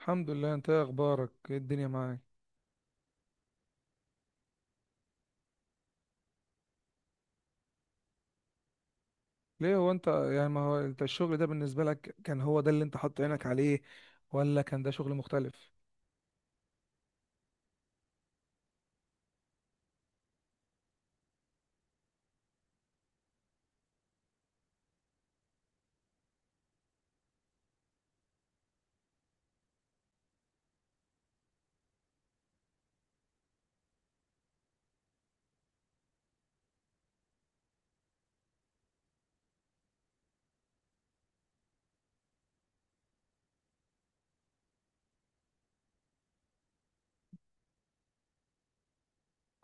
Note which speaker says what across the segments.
Speaker 1: الحمد لله، انت ايه اخبارك؟ ايه الدنيا معاك؟ ليه هو انت يعني ما هو انت الشغل ده بالنسبه لك كان هو ده اللي انت حاطط عينك عليه ولا كان ده شغل مختلف؟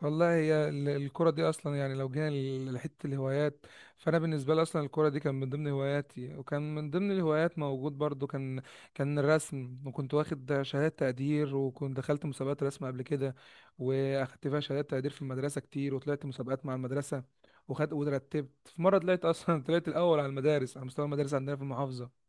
Speaker 1: والله هي الكرة دي أصلا يعني لو جينا لحتة الهوايات، فأنا بالنسبة لي أصلا الكرة دي كان من ضمن هواياتي، وكان من ضمن الهوايات موجود برضو كان الرسم، وكنت واخد شهادات تقدير، وكنت دخلت مسابقات رسم قبل كده وأخدت فيها شهادات تقدير في المدرسة كتير، وطلعت مسابقات مع المدرسة وخدت وترتبت. في مرة طلعت أصلا طلعت الأول على المدارس، على مستوى المدارس عندنا في المحافظة.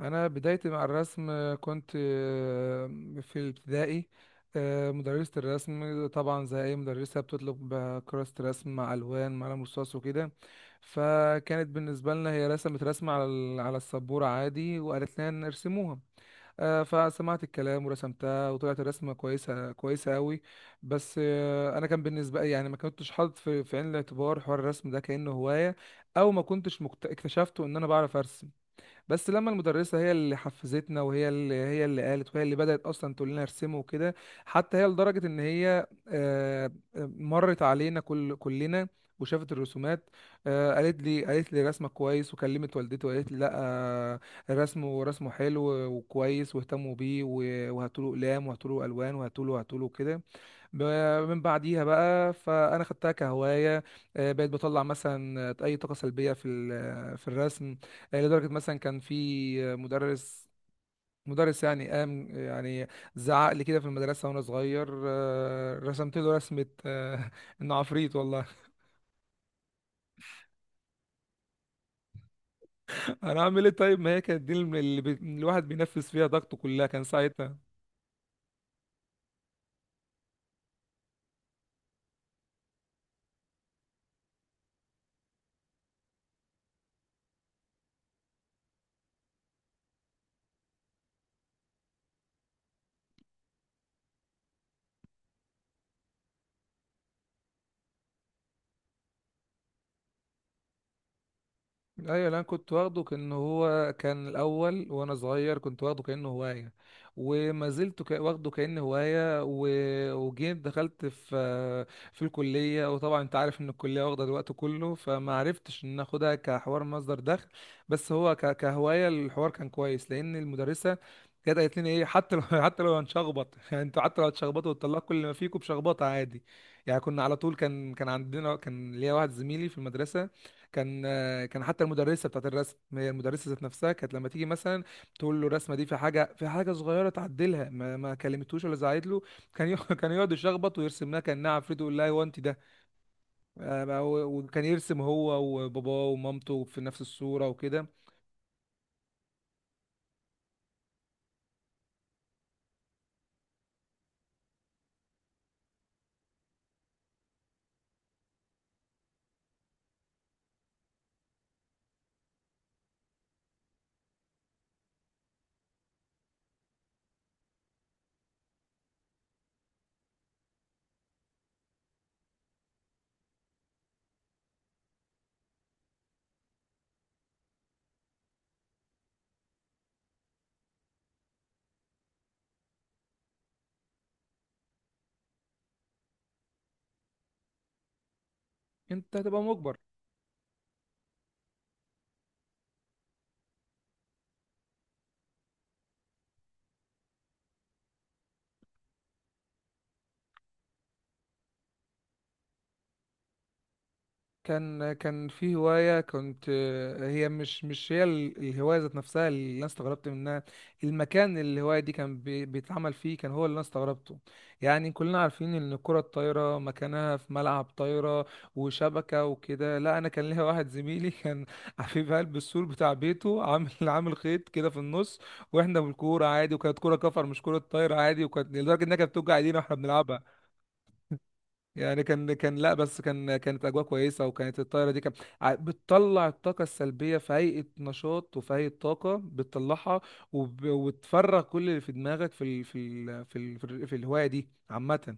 Speaker 1: انا بدايتي مع الرسم كنت في الابتدائي. مدرسة الرسم طبعا زي اي مدرسة بتطلب كراسة رسم مع الوان مع قلم رصاص وكده. فكانت بالنسبة لنا هي رسمت رسمة على على السبورة عادي وقالت لنا نرسموها. فسمعت الكلام ورسمتها وطلعت الرسمة كويسة، كويسة قوي. بس انا كان بالنسبة لي يعني ما كنتش حاطط في عين الاعتبار حوار الرسم ده كأنه هواية، او ما كنتش اكتشفته ان انا بعرف ارسم. بس لما المدرسة هي اللي حفزتنا، وهي هي اللي قالت، وهي اللي بدأت أصلا تقول لنا ارسموا وكده. حتى هي لدرجة إن هي مرت علينا كلنا وشافت الرسومات. قالت لي رسمك كويس، وكلمت والدتي وقالت لي لا، رسمه حلو وكويس، واهتموا بيه وهاتوا له اقلام وهاتوا له الوان وهاتوا له كده. من بعديها بقى فانا خدتها كهوايه. بقيت بطلع مثلا اي طاقه سلبيه في في الرسم. يعني لدرجة مثلا كان في مدرس يعني قام يعني زعق لي كده في المدرسة وأنا صغير، رسمت له رسمة إنه عفريت والله. أنا أعمل إيه طيب؟ ما هي كانت دي الواحد بينفذ فيها طاقته كلها كان ساعتها. ايوه، لا كنت واخده كانه هو، كان الاول وانا صغير كنت واخده كانه هوايه، وما زلت واخده كانه هوايه، وجيت دخلت في الكليه، وطبعا انت عارف ان الكليه واخده الوقت كله، فما عرفتش ان اخدها كحوار مصدر دخل. بس هو كهوايه الحوار كان كويس، لان المدرسه كانت قالت لنا ايه، حتى لو حتى لو هنشخبط. يعني انتوا حتى لو هتشخبطوا وتطلعوا كل اللي ما فيكم بشخبطه، عادي. يعني كنا على طول كان عندنا، كان ليا واحد زميلي في المدرسه كان. كان حتى المدرسه بتاعت الرسم، هي المدرسه ذات نفسها، كانت لما تيجي مثلا تقول له الرسمه دي في حاجه، في حاجه صغيره تعدلها، ما كلمتوش ولا زعقت له، كان يقعد يشخبط ويرسم لها كانها عفريت ويقول لها هو انت ده. بقى وكان يرسم هو وباباه ومامته في نفس الصوره وكده. انت هتبقى مجبر. كان كان في هواية كنت هي مش هي الهواية ذات نفسها اللي أنا استغربت منها. المكان اللي الهواية دي كان بيتعمل فيه كان هو اللي أنا استغربته. يعني كلنا عارفين إن الكرة الطايرة مكانها في ملعب طايرة وشبكة وكده. لا، أنا كان ليا واحد زميلي كان حبيب قلب، السور بتاع بيته عامل خيط كده في النص، وإحنا بالكورة عادي، وكانت كورة كفر مش كرة طايرة عادي، وكانت لدرجة إنها كانت بتوجع إيدينا وإحنا بنلعبها. يعني كان لا، بس كان كانت اجواء كويسه، وكانت الطايره دي كان بتطلع الطاقه السلبيه في هيئه نشاط وفي هيئه طاقه بتطلعها وتفرغ كل اللي في دماغك في الهوايه دي عامه.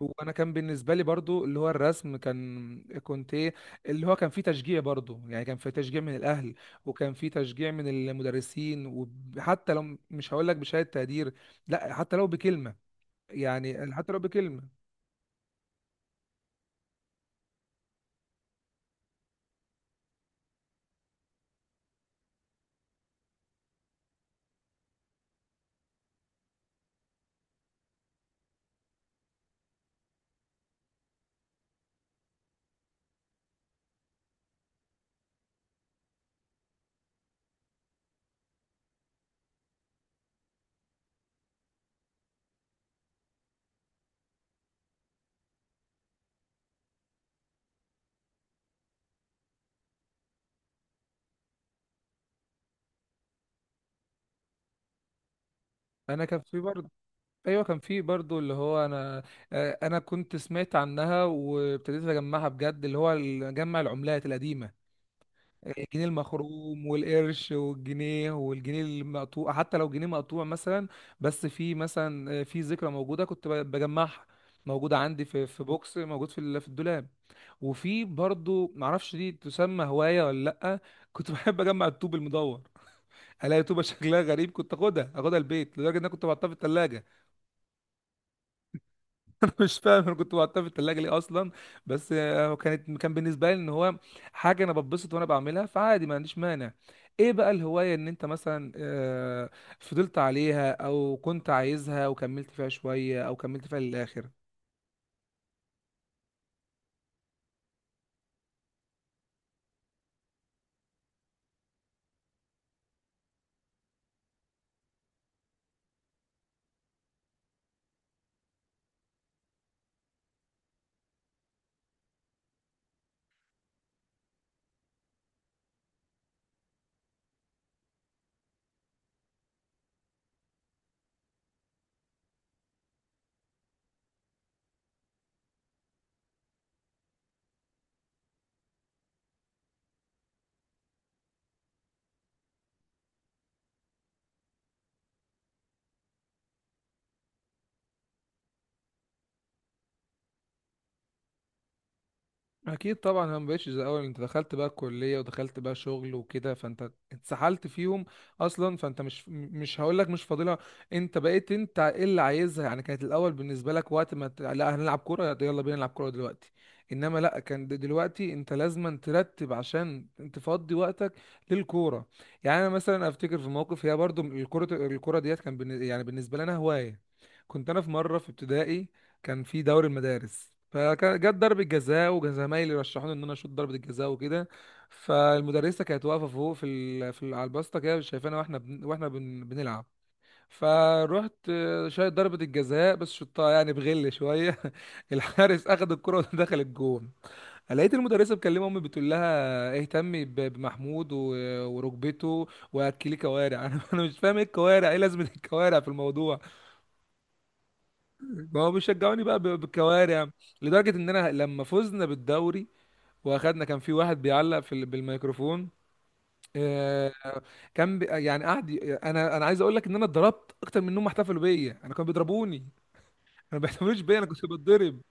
Speaker 1: وانا كان بالنسبه لي برضو اللي هو الرسم، كان كنت ايه، اللي هو كان فيه تشجيع برضو، يعني كان فيه تشجيع من الاهل، وكان فيه تشجيع من المدرسين. وحتى لو مش هقول لك بشهاده تقدير، لا حتى لو بكلمه، يعني حتى لو بكلمه. انا كان في برضه، ايوه كان في برضو اللي هو انا، انا كنت سمعت عنها وابتديت اجمعها بجد، اللي هو جمع العملات القديمه: الجنيه المخروم والقرش والجنيه والجنيه المقطوع. حتى لو جنيه مقطوع مثلا، بس في مثلا في ذكرى موجوده كنت بجمعها، موجوده عندي في بوكس موجود في في الدولاب. وفي برضو معرفش دي تسمى هوايه ولا لا، كنت بحب اجمع الطوب المدور، الاقي طوبه شكلها غريب كنت اخدها البيت، لدرجه ان انا كنت بحطها في الثلاجه. مش فاهم انا كنت بحطها في التلاجة ليه اصلا. بس كانت كان بالنسبة لي ان هو حاجة انا بتبسط وانا بعملها، فعادي ما عنديش مانع. ايه بقى الهواية ان انت مثلا فضلت عليها او كنت عايزها وكملت فيها شوية او كملت فيها للاخر؟ اكيد طبعا انا مبقتش زي الاول، انت دخلت بقى الكليه ودخلت بقى شغل وكده فانت اتسحلت فيهم اصلا. فانت مش هقول لك مش فاضلها، انت بقيت انت ايه اللي عايزها. يعني كانت الاول بالنسبه لك وقت ما لا هنلعب كوره، يلا بينا نلعب كوره دلوقتي. انما لا، كان دلوقتي انت لازما ترتب عشان تفضي وقتك للكوره. يعني انا مثلا افتكر في موقف، هي برضو الكوره ديت كان يعني بالنسبه لنا هوايه. كنت انا في مره في ابتدائي، كان في دوري المدارس فجت ضربة جزاء وزمايلي رشحوني ان انا اشوط ضربة الجزاء وكده. فالمدرسة كانت واقفة فوق على الباسطة كده شايفانا بنلعب، فروحت شايط ضربة الجزاء بس شطها يعني بغل شوية. الحارس اخد الكرة ودخل الجون. لقيت المدرسة بتكلم امي بتقول لها اهتمي بمحمود وركبته واكليه كوارع. انا مش فاهم ايه الكوارع، ايه لازمة الكوارع في الموضوع؟ ما هو بيشجعوني بقى بالكوارع. لدرجة ان انا لما فزنا بالدوري واخدنا، كان في واحد بيعلق في بالميكروفون. آه، كان بي يعني انا عايز اقول لك ان انا اتضربت اكتر من انهم احتفلوا بيا. انا كانوا بيضربوني انا، ما بيحتفلوش بيا، انا كنت بتضرب.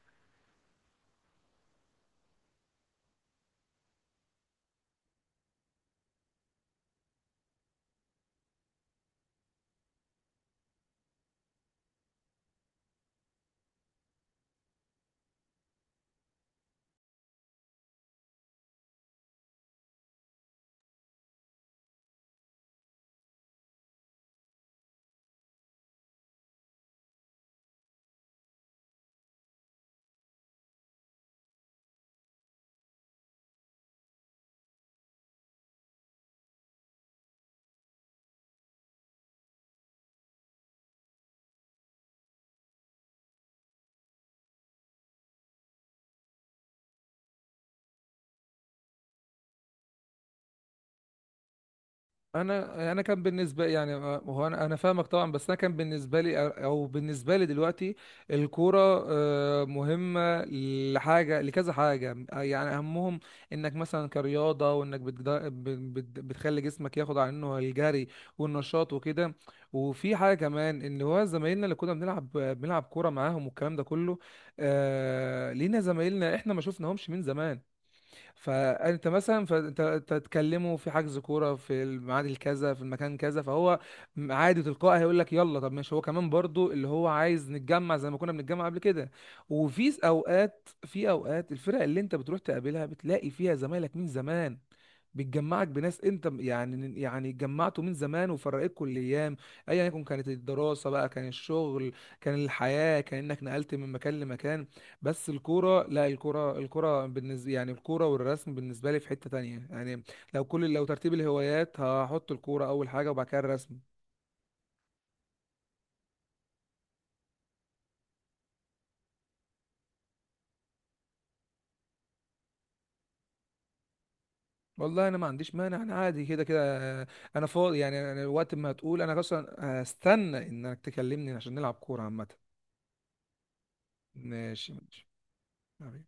Speaker 1: انا كان بالنسبه يعني هو انا فاهمك طبعا، بس انا كان بالنسبه لي او بالنسبه لي دلوقتي الكوره مهمه لحاجه، لكذا حاجه. يعني اهمهم انك مثلا كرياضه، وانك بتخلي جسمك ياخد عنه الجري والنشاط وكده. وفي حاجه كمان ان هو زمايلنا اللي كنا بنلعب كوره معاهم والكلام ده كله، لينا زمايلنا احنا ما شفناهمش من زمان. فانت تتكلموا في حجز كوره في الميعاد الكذا في المكان كذا، فهو عادي تلقائي هيقول لك يلا طب ماشي، هو كمان برضو اللي هو عايز نتجمع زي ما كنا بنتجمع قبل كده. وفي اوقات في اوقات الفرق اللي انت بتروح تقابلها بتلاقي فيها زمايلك من زمان، بتجمعك بناس انت يعني اتجمعتوا من زمان وفرقتكم الايام، ايا يكن كانت الدراسه بقى، كان الشغل، كان الحياه، كان انك نقلت من مكان لمكان. بس الكوره لا، الكوره بالنسبه يعني الكوره والرسم بالنسبه لي في حته تانية. يعني لو ترتيب الهوايات هحط الكوره اول حاجه وبعد كده الرسم. والله انا ما عنديش مانع، انا عادي كده كده، انا فاضي. يعني انا وقت ما هتقول انا اصلا هستنى انك تكلمني عشان نلعب كوره عامه. ماشي ماشي. حبيبي.